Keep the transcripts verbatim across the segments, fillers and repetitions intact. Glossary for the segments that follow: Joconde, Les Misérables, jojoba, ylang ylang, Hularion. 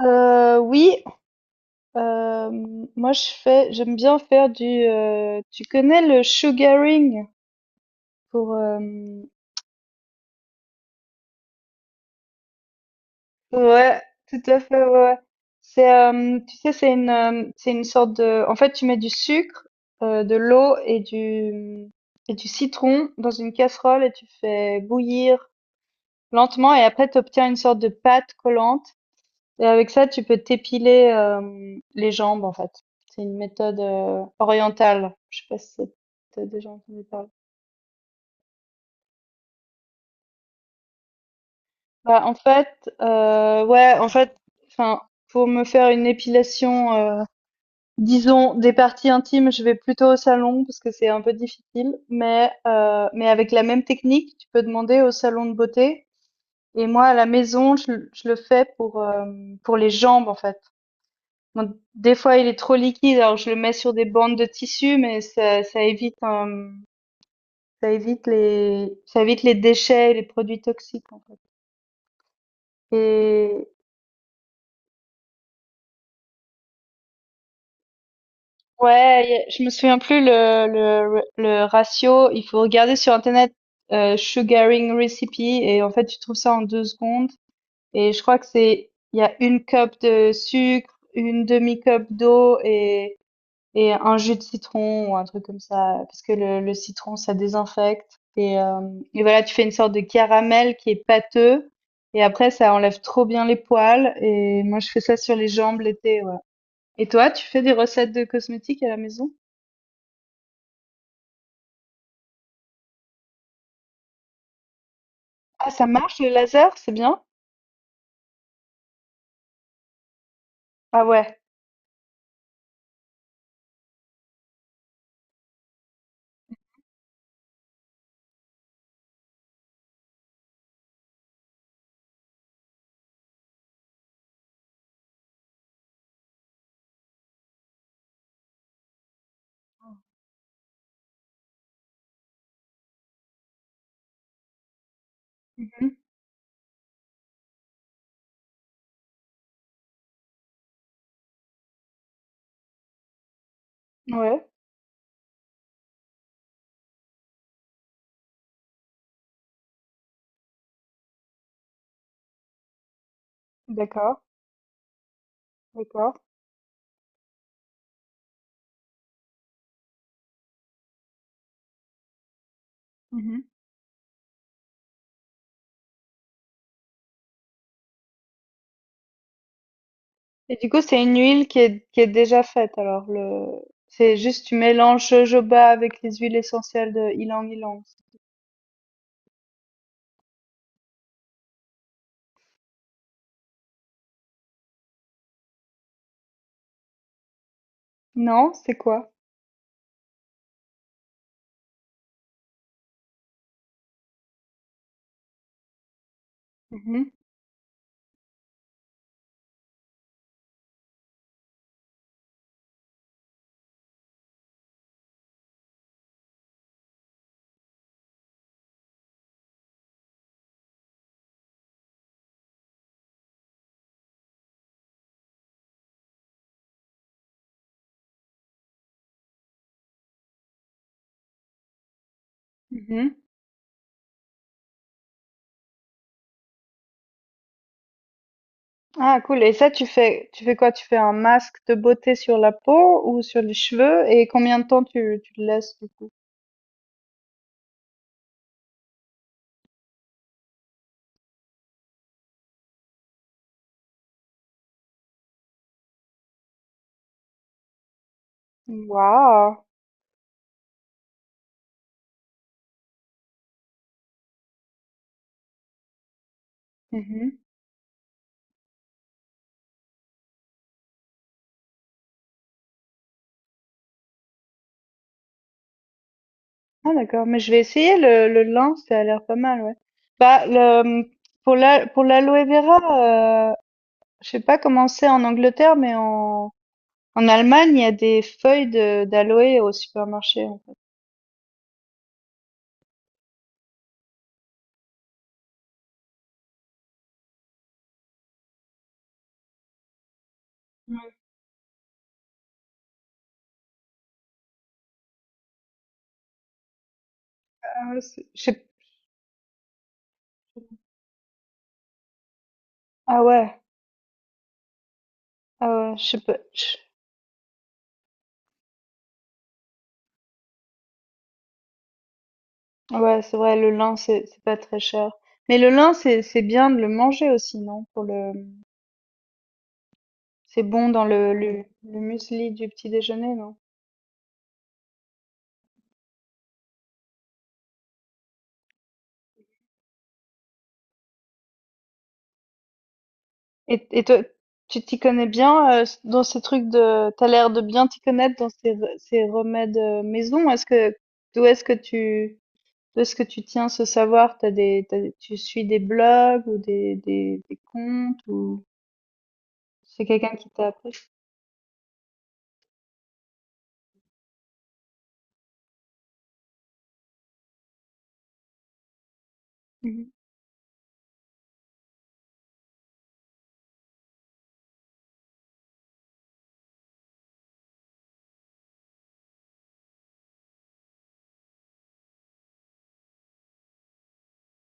Euh, oui, euh, moi je fais, j'aime bien faire du. Euh, tu connais le sugaring pour. Euh, ouais, tout à fait. Ouais, ouais. C'est, euh, tu sais, c'est une, euh, c'est une sorte de. En fait, tu mets du sucre, euh, de l'eau et du et du citron dans une casserole et tu fais bouillir lentement, et après tu obtiens une sorte de pâte collante. Et avec ça, tu peux t'épiler euh, les jambes, en fait. C'est une méthode euh, orientale. Je sais pas si t'as déjà entendu parler. Bah, en fait, euh, ouais, en fait, enfin, pour me faire une épilation, euh, disons des parties intimes, je vais plutôt au salon parce que c'est un peu difficile. Mais euh, mais avec la même technique, tu peux demander au salon de beauté. Et moi, à la maison, je, le je le fais pour euh, pour les jambes, en fait. Bon, des fois, il est trop liquide, alors je le mets sur des bandes de tissu, mais ça, ça évite, euh, ça évite les, ça évite les déchets et les produits toxiques, en fait. Et ouais, y a- je me souviens plus le, le, le ratio. Il faut regarder sur Internet, euh, sugaring recipe, et en fait, tu trouves ça en deux secondes. Et je crois que c'est, il y a une cup de sucre, une demi-cup d'eau et Et un jus de citron ou un truc comme ça, parce que le, le citron, ça désinfecte. Et, euh, et voilà, tu fais une sorte de caramel qui est pâteux. Et après, ça enlève trop bien les poils. Et moi, je fais ça sur les jambes l'été. Ouais. Et toi, tu fais des recettes de cosmétiques à la maison? Ah, ça marche le laser, c'est bien? Ah ouais. Mhm. Ouais, d'accord, d'accord. Mhm. Et du coup, c'est une huile qui est, qui est déjà faite. Alors, le... C'est juste tu mélanges jojoba avec les huiles essentielles de ylang ylang. Non, c'est quoi? Mmh mh. Mmh. Ah cool, et ça, tu fais tu fais quoi? Tu fais un masque de beauté sur la peau ou sur les cheveux, et combien de temps tu tu le laisses du coup? Waouh! Mmh. Ah d'accord, mais je vais essayer le le lin, ça a l'air pas mal, ouais. Bah, le, mmh, pour l'a pour l'aloe vera, heu, je sais pas comment c'est en Angleterre, mais en en Allemagne, il y a des feuilles de d'aloe au supermarché. Ouais, ah ouais, c'est je sais, ah ouais, ah ouais, je sais pas. Ouais, c'est vrai, le lin, c'est c'est pas très cher. Mais le lin, c'est c'est bien de le manger aussi, non? Pour le, c'est bon dans le, le, le muesli du petit déjeuner, non? Et, et toi, tu t'y connais bien, euh, s- dans ces trucs de, t'as l'air de bien t'y connaître dans ces, re- ces remèdes euh, maison. Est-ce que, d'où est-ce que tu, D'où est-ce que tu tiens ce savoir? T'as des, t'as des- tu suis des blogs ou des, des, des comptes, ou c'est quelqu'un qui t'a appris? Mhm,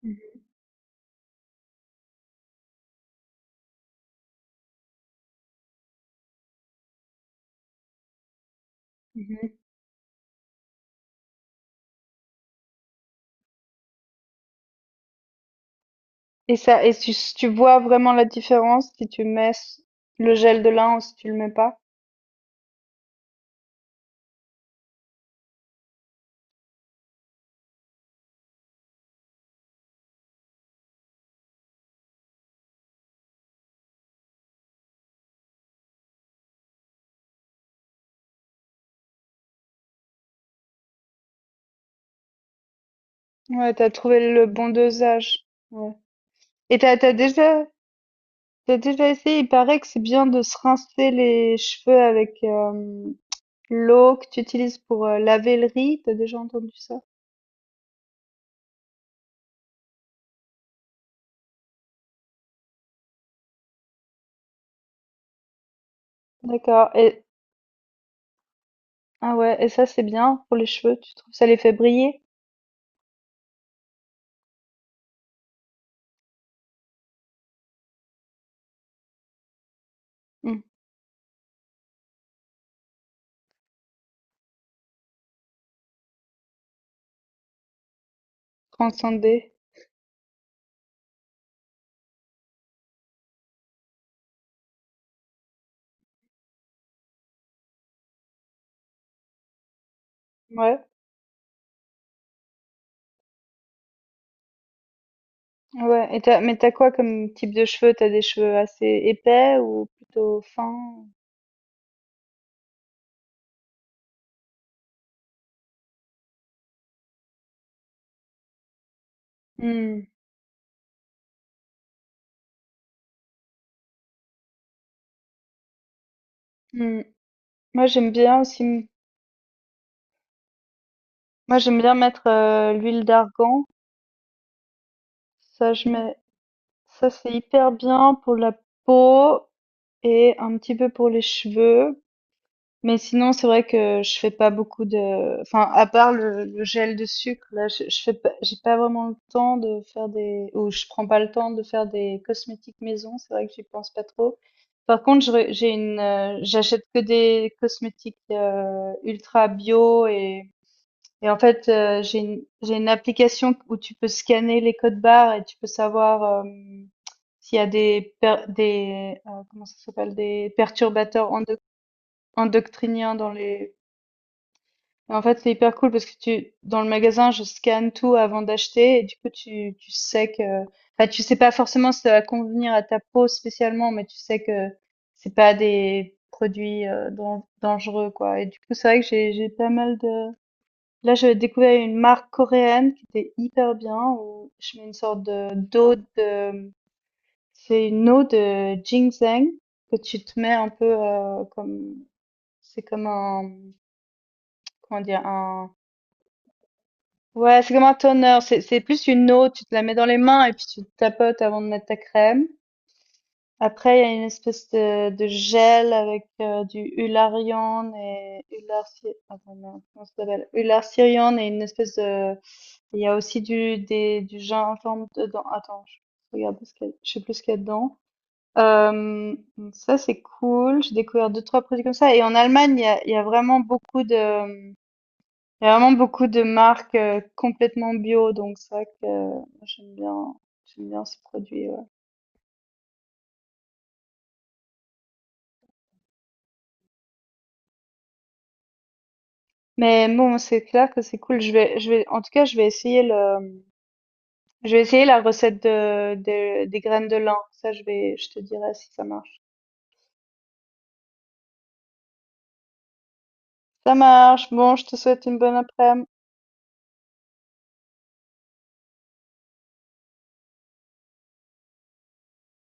mhm, mhm. Et ça, et tu, tu vois vraiment la différence si tu mets s- le gel de lin, ou si tu le mets pas? Ouais, t'as trouvé le bon dosage. Ouais. Et t'as, t'as déjà, T'as déjà essayé, il paraît que c'est bien de se rincer les cheveux avec euh, l'eau que tu utilises pour euh, laver le riz. T'as déjà entendu ça? D'accord. Et, ah ouais, et ça c'est bien pour les cheveux, tu trouves? Ça les fait briller? Hmm. Transcender. Ouais. Ouais. Et t'as, mais t'as quoi comme type de cheveux? T'as des cheveux assez épais ou plutôt fins? Mmh, mmh. Moi j'aime bien aussi m- Moi j'aime bien mettre euh, l'huile d'argan. Ça je mets Ça c'est hyper bien pour la peau et un petit peu pour les cheveux. Mais sinon c'est vrai que je fais pas beaucoup de, enfin, à part le, le gel de sucre, là je, je fais pas, j'ai pas vraiment le temps de faire des ou je prends pas le temps de faire des cosmétiques maison, c'est vrai que j'y pense pas trop. Par contre, j'aurais- j'ai une euh, j'achète que des cosmétiques euh, ultra bio. et Et en fait, heu, j'ai une j'ai une application où tu peux scanner les codes barres et tu peux savoir, hem, s'il y a des per des, heu, comment ça s'appelle? Des perturbateurs endoc endocriniens dans les... Et en fait, c'est hyper cool parce que tu dans le magasin, je scanne tout avant d'acheter, et du coup, tu tu sais que, enfin, tu sais pas forcément si ça va convenir à ta peau spécialement, mais tu sais que c'est pas des produits, heu, dan dangereux, quoi. Et du coup, c'est vrai que j'ai j'ai pas mal de... Là, j'avais découvert une marque coréenne qui était hyper bien, où je mets une sorte de d'eau de... c'est une eau de ginseng que tu te mets un peu, euh, comme, c'est comme un, comment dire, un... ouais, c'est comme un toner. C'est, c'est plus une eau, tu te la mets dans les mains et puis tu te tapotes avant de mettre ta crème. Après, il y a une espèce de, de gel avec euh, du Hularion et Hular, attends, non, comment ça s'appelle? Ularsirion, et une espèce de... il y a aussi du, des, du gingembre dedans. Attends, je regarde ce qu'il y a- je sais plus ce qu'il y a dedans. Euh, Ça, c'est cool. J'ai découvert deux, trois produits comme ça. Et en Allemagne, il y a, il y a vraiment beaucoup de, il y a vraiment beaucoup de marques euh, complètement bio. Donc, c'est vrai que, euh, moi, j'aime bien, j'aime bien ce produit. Ouais. Mais bon, c'est clair que c'est cool. Je vais, je vais, en tout cas, je vais essayer le, je vais essayer la recette de, de- des graines de lin. Ça, je vais, je te dirai si ça marche. Ça marche. Bon, je te souhaite une bonne après-midi.